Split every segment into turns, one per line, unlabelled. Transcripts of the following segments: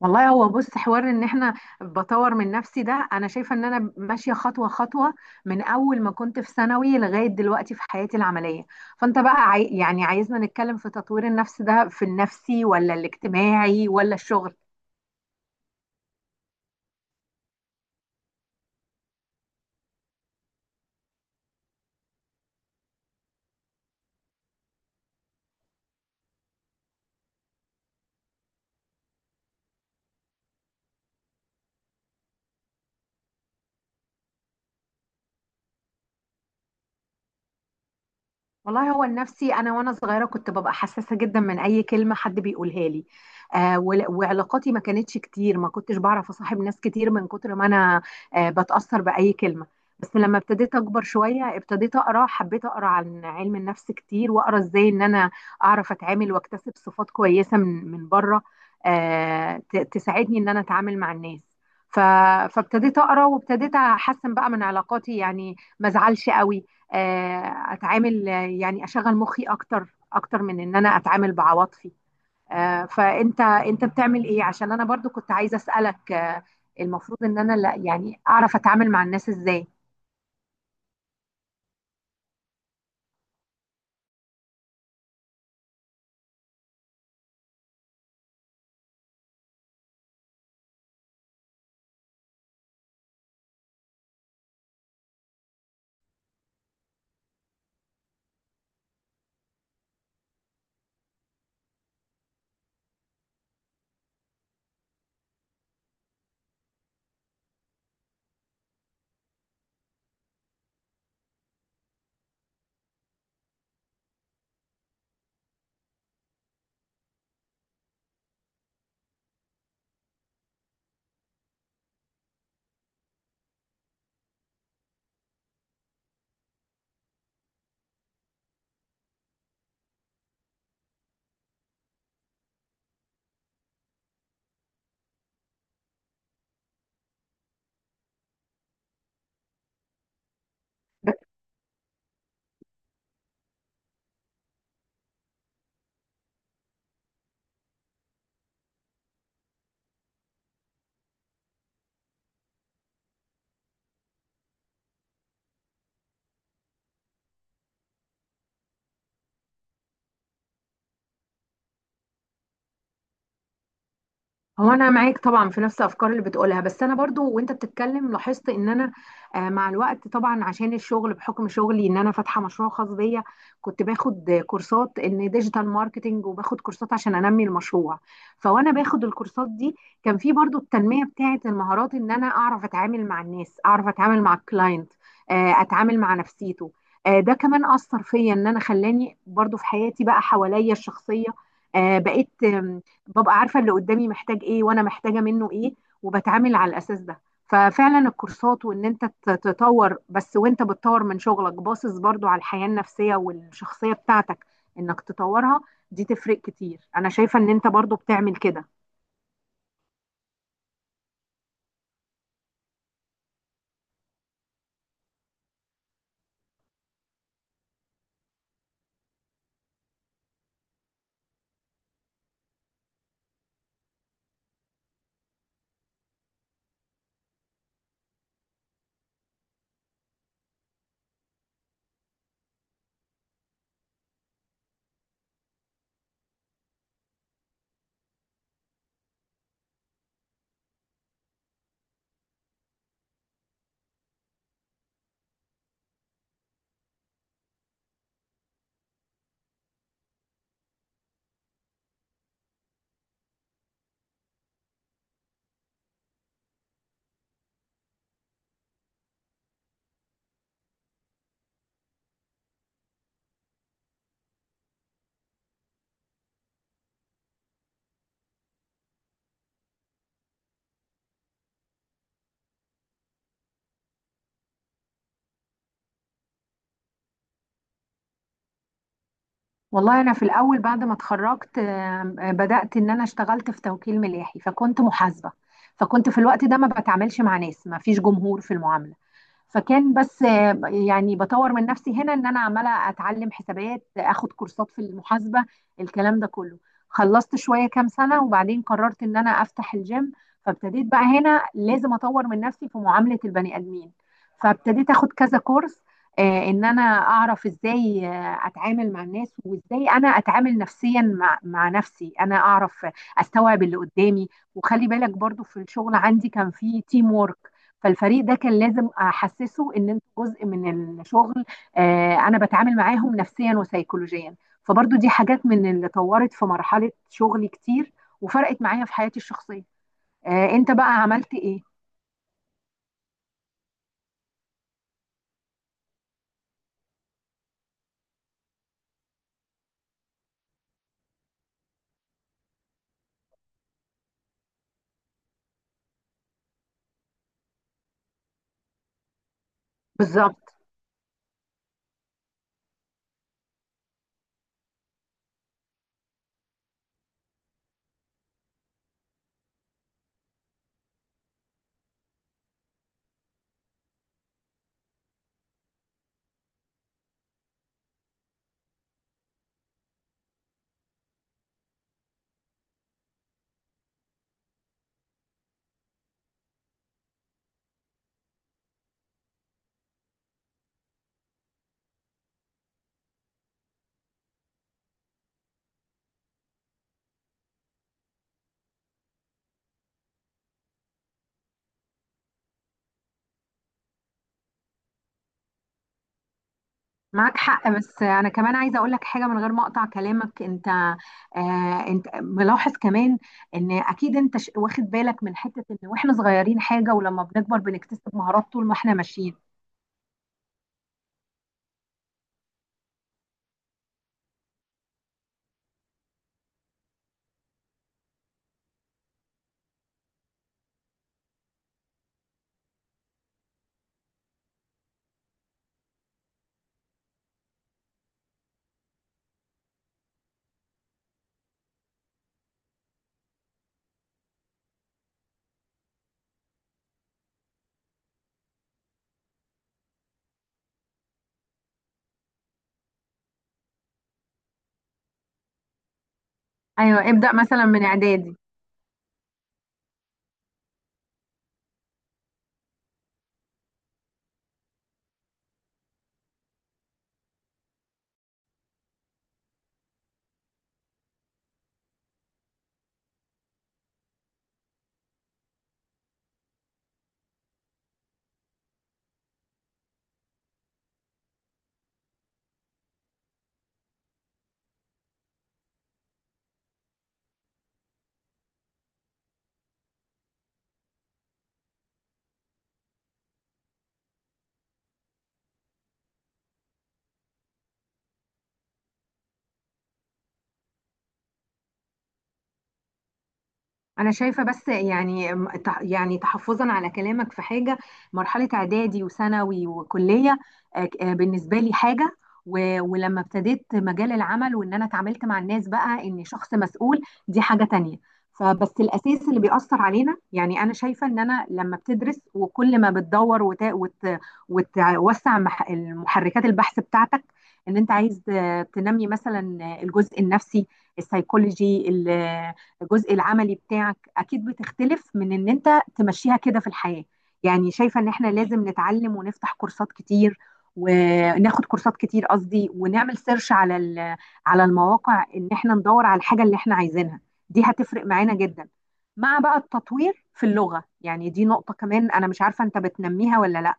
والله هو بص حوار ان احنا بطور من نفسي ده. انا شايفه ان انا ماشيه خطوه خطوه من اول ما كنت في ثانوي لغايه دلوقتي في حياتي العمليه. فانت بقى عايزنا نتكلم في تطوير النفس ده، في النفسي ولا الاجتماعي ولا الشغل؟ والله هو النفسي، انا وانا صغيره كنت ببقى حساسه جدا من اي كلمه حد بيقولها لي. وعلاقاتي ما كانتش كتير، ما كنتش بعرف اصاحب ناس كتير من كتر ما انا بتاثر باي كلمه. بس لما ابتديت اكبر شويه ابتديت اقرا، حبيت اقرا عن علم النفس كتير، واقرا ازاي ان انا اعرف اتعامل واكتسب صفات كويسه من بره تساعدني ان انا اتعامل مع الناس. ف- فابتديت اقرا وابتديت احسن بقى من علاقاتي، يعني ما ازعلش قوي، آه، اتعامل يعني اشغل مخي اكتر اكتر من ان انا اتعامل بعواطفي. فانت بتعمل ايه؟ عشان انا برضو كنت عايزه اسالك، المفروض ان انا لا يعني اعرف اتعامل مع الناس ازاي. هو انا معاك طبعا في نفس الافكار اللي بتقولها، بس انا برضو وانت بتتكلم لاحظت ان انا مع الوقت طبعا، عشان الشغل، بحكم شغلي ان انا فاتحه مشروع خاص بيا، كنت باخد كورسات ان ديجيتال ماركتنج، وباخد كورسات عشان انمي المشروع. فوانا باخد الكورسات دي كان في برضو التنميه بتاعه المهارات، ان انا اعرف اتعامل مع الناس، اعرف اتعامل مع الكلاينت، اتعامل مع نفسيته. ده كمان اثر فيا، ان انا خلاني برضو في حياتي بقى حواليا الشخصيه بقيت ببقى عارفة اللي قدامي محتاج ايه وانا محتاجة منه ايه، وبتعامل على الاساس ده. ففعلا الكورسات، وان انت تطور، بس وانت بتطور من شغلك باصص برضو على الحياة النفسية والشخصية بتاعتك انك تطورها، دي تفرق كتير. انا شايفة ان انت برضو بتعمل كده. والله انا في الاول بعد ما اتخرجت، آم، آه، بدأت ان انا اشتغلت في توكيل ملاحي فكنت محاسبة. فكنت في الوقت ده ما بتعاملش مع ناس، ما فيش جمهور في المعاملة. فكان بس، يعني بطور من نفسي هنا ان انا عماله اتعلم حسابات، اخد كورسات في المحاسبه الكلام ده كله. خلصت شويه كام سنه، وبعدين قررت ان انا افتح الجيم. فابتديت بقى هنا لازم اطور من نفسي في معامله البني ادمين. فابتديت اخد كذا كورس، ان انا اعرف ازاي اتعامل مع الناس، وازاي انا اتعامل نفسيا مع نفسي، انا اعرف استوعب اللي قدامي. وخلي بالك برضو في الشغل عندي كان في تيم وورك، فالفريق ده كان لازم احسسه ان انت جزء من الشغل. انا بتعامل معاهم نفسيا وسيكولوجيا. فبرضو دي حاجات من اللي طورت في مرحلة شغلي كتير، وفرقت معايا في حياتي الشخصية. انت بقى عملت ايه؟ بالظبط. معاك حق، بس انا كمان عايزه اقول لك حاجه من غير ما اقطع كلامك انت. انت ملاحظ كمان ان اكيد انت واخد بالك من حته ان واحنا صغيرين حاجه، ولما بنكبر بنكتسب مهارات طول ما احنا ماشيين. ايوه، ابدا، مثلا من اعدادي. انا شايفه بس يعني تحفظا على كلامك في حاجه، مرحله اعدادي وثانوي وكليه بالنسبه لي حاجه، ولما ابتديت مجال العمل وان انا اتعاملت مع الناس بقى اني شخص مسؤول دي حاجه تانية. فبس الاساس اللي بيأثر علينا، يعني انا شايفه ان انا لما بتدرس، وكل ما بتدور وتوسع المحركات البحث بتاعتك، ان انت عايز تنمي مثلا الجزء النفسي، السيكولوجي، الجزء العملي بتاعك، اكيد بتختلف من ان انت تمشيها كده في الحياة. يعني شايفة ان احنا لازم نتعلم ونفتح كورسات كتير، وناخد كورسات كتير قصدي، ونعمل سيرش على على المواقع ان احنا ندور على الحاجة اللي احنا عايزينها، دي هتفرق معانا جدا. مع بقى التطوير في اللغة، يعني دي نقطة كمان انا مش عارفة انت بتنميها ولا لا.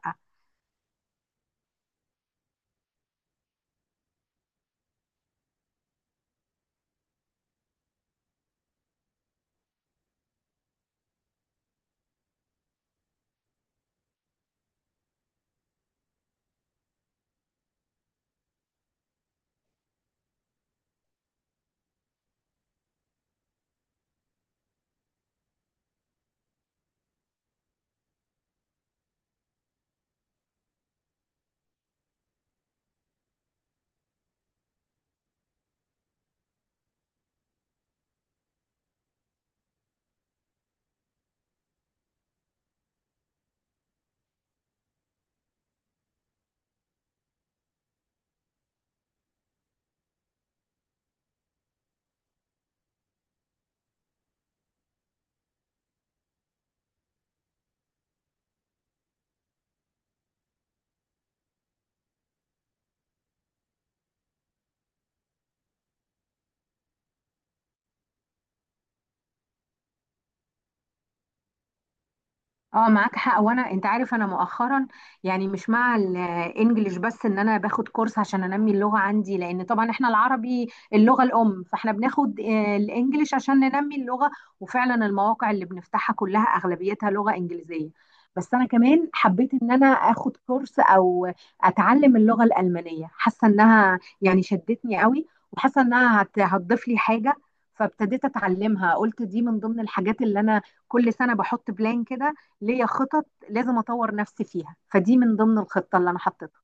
اه معاك حق. وانا انت عارف انا مؤخرا، يعني مش مع الانجليش بس، ان انا باخد كورس عشان انمي اللغه عندي، لان طبعا احنا العربي اللغه الام، فاحنا بناخد الانجليش عشان ننمي اللغه. وفعلا المواقع اللي بنفتحها كلها اغلبيتها لغه انجليزيه. بس انا كمان حبيت ان انا اخد كورس او اتعلم اللغه الالمانيه، حاسه انها يعني شدتني قوي، وحاسه انها هتضيف لي حاجه. فابتديت اتعلمها، قلت دي من ضمن الحاجات اللي انا كل سنه بحط بلان كده ليا، خطط لازم اطور نفسي فيها، فدي من ضمن الخطه اللي انا حطيتها.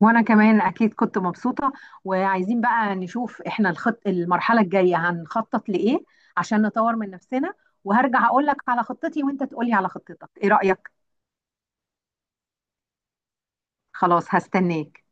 وانا كمان اكيد كنت مبسوطه، وعايزين بقى نشوف احنا الخط، المرحله الجايه هنخطط لايه عشان نطور من نفسنا. وهرجع اقول لك على خطتي وانت تقولي على خطتك، ايه رايك؟ خلاص، هستناك.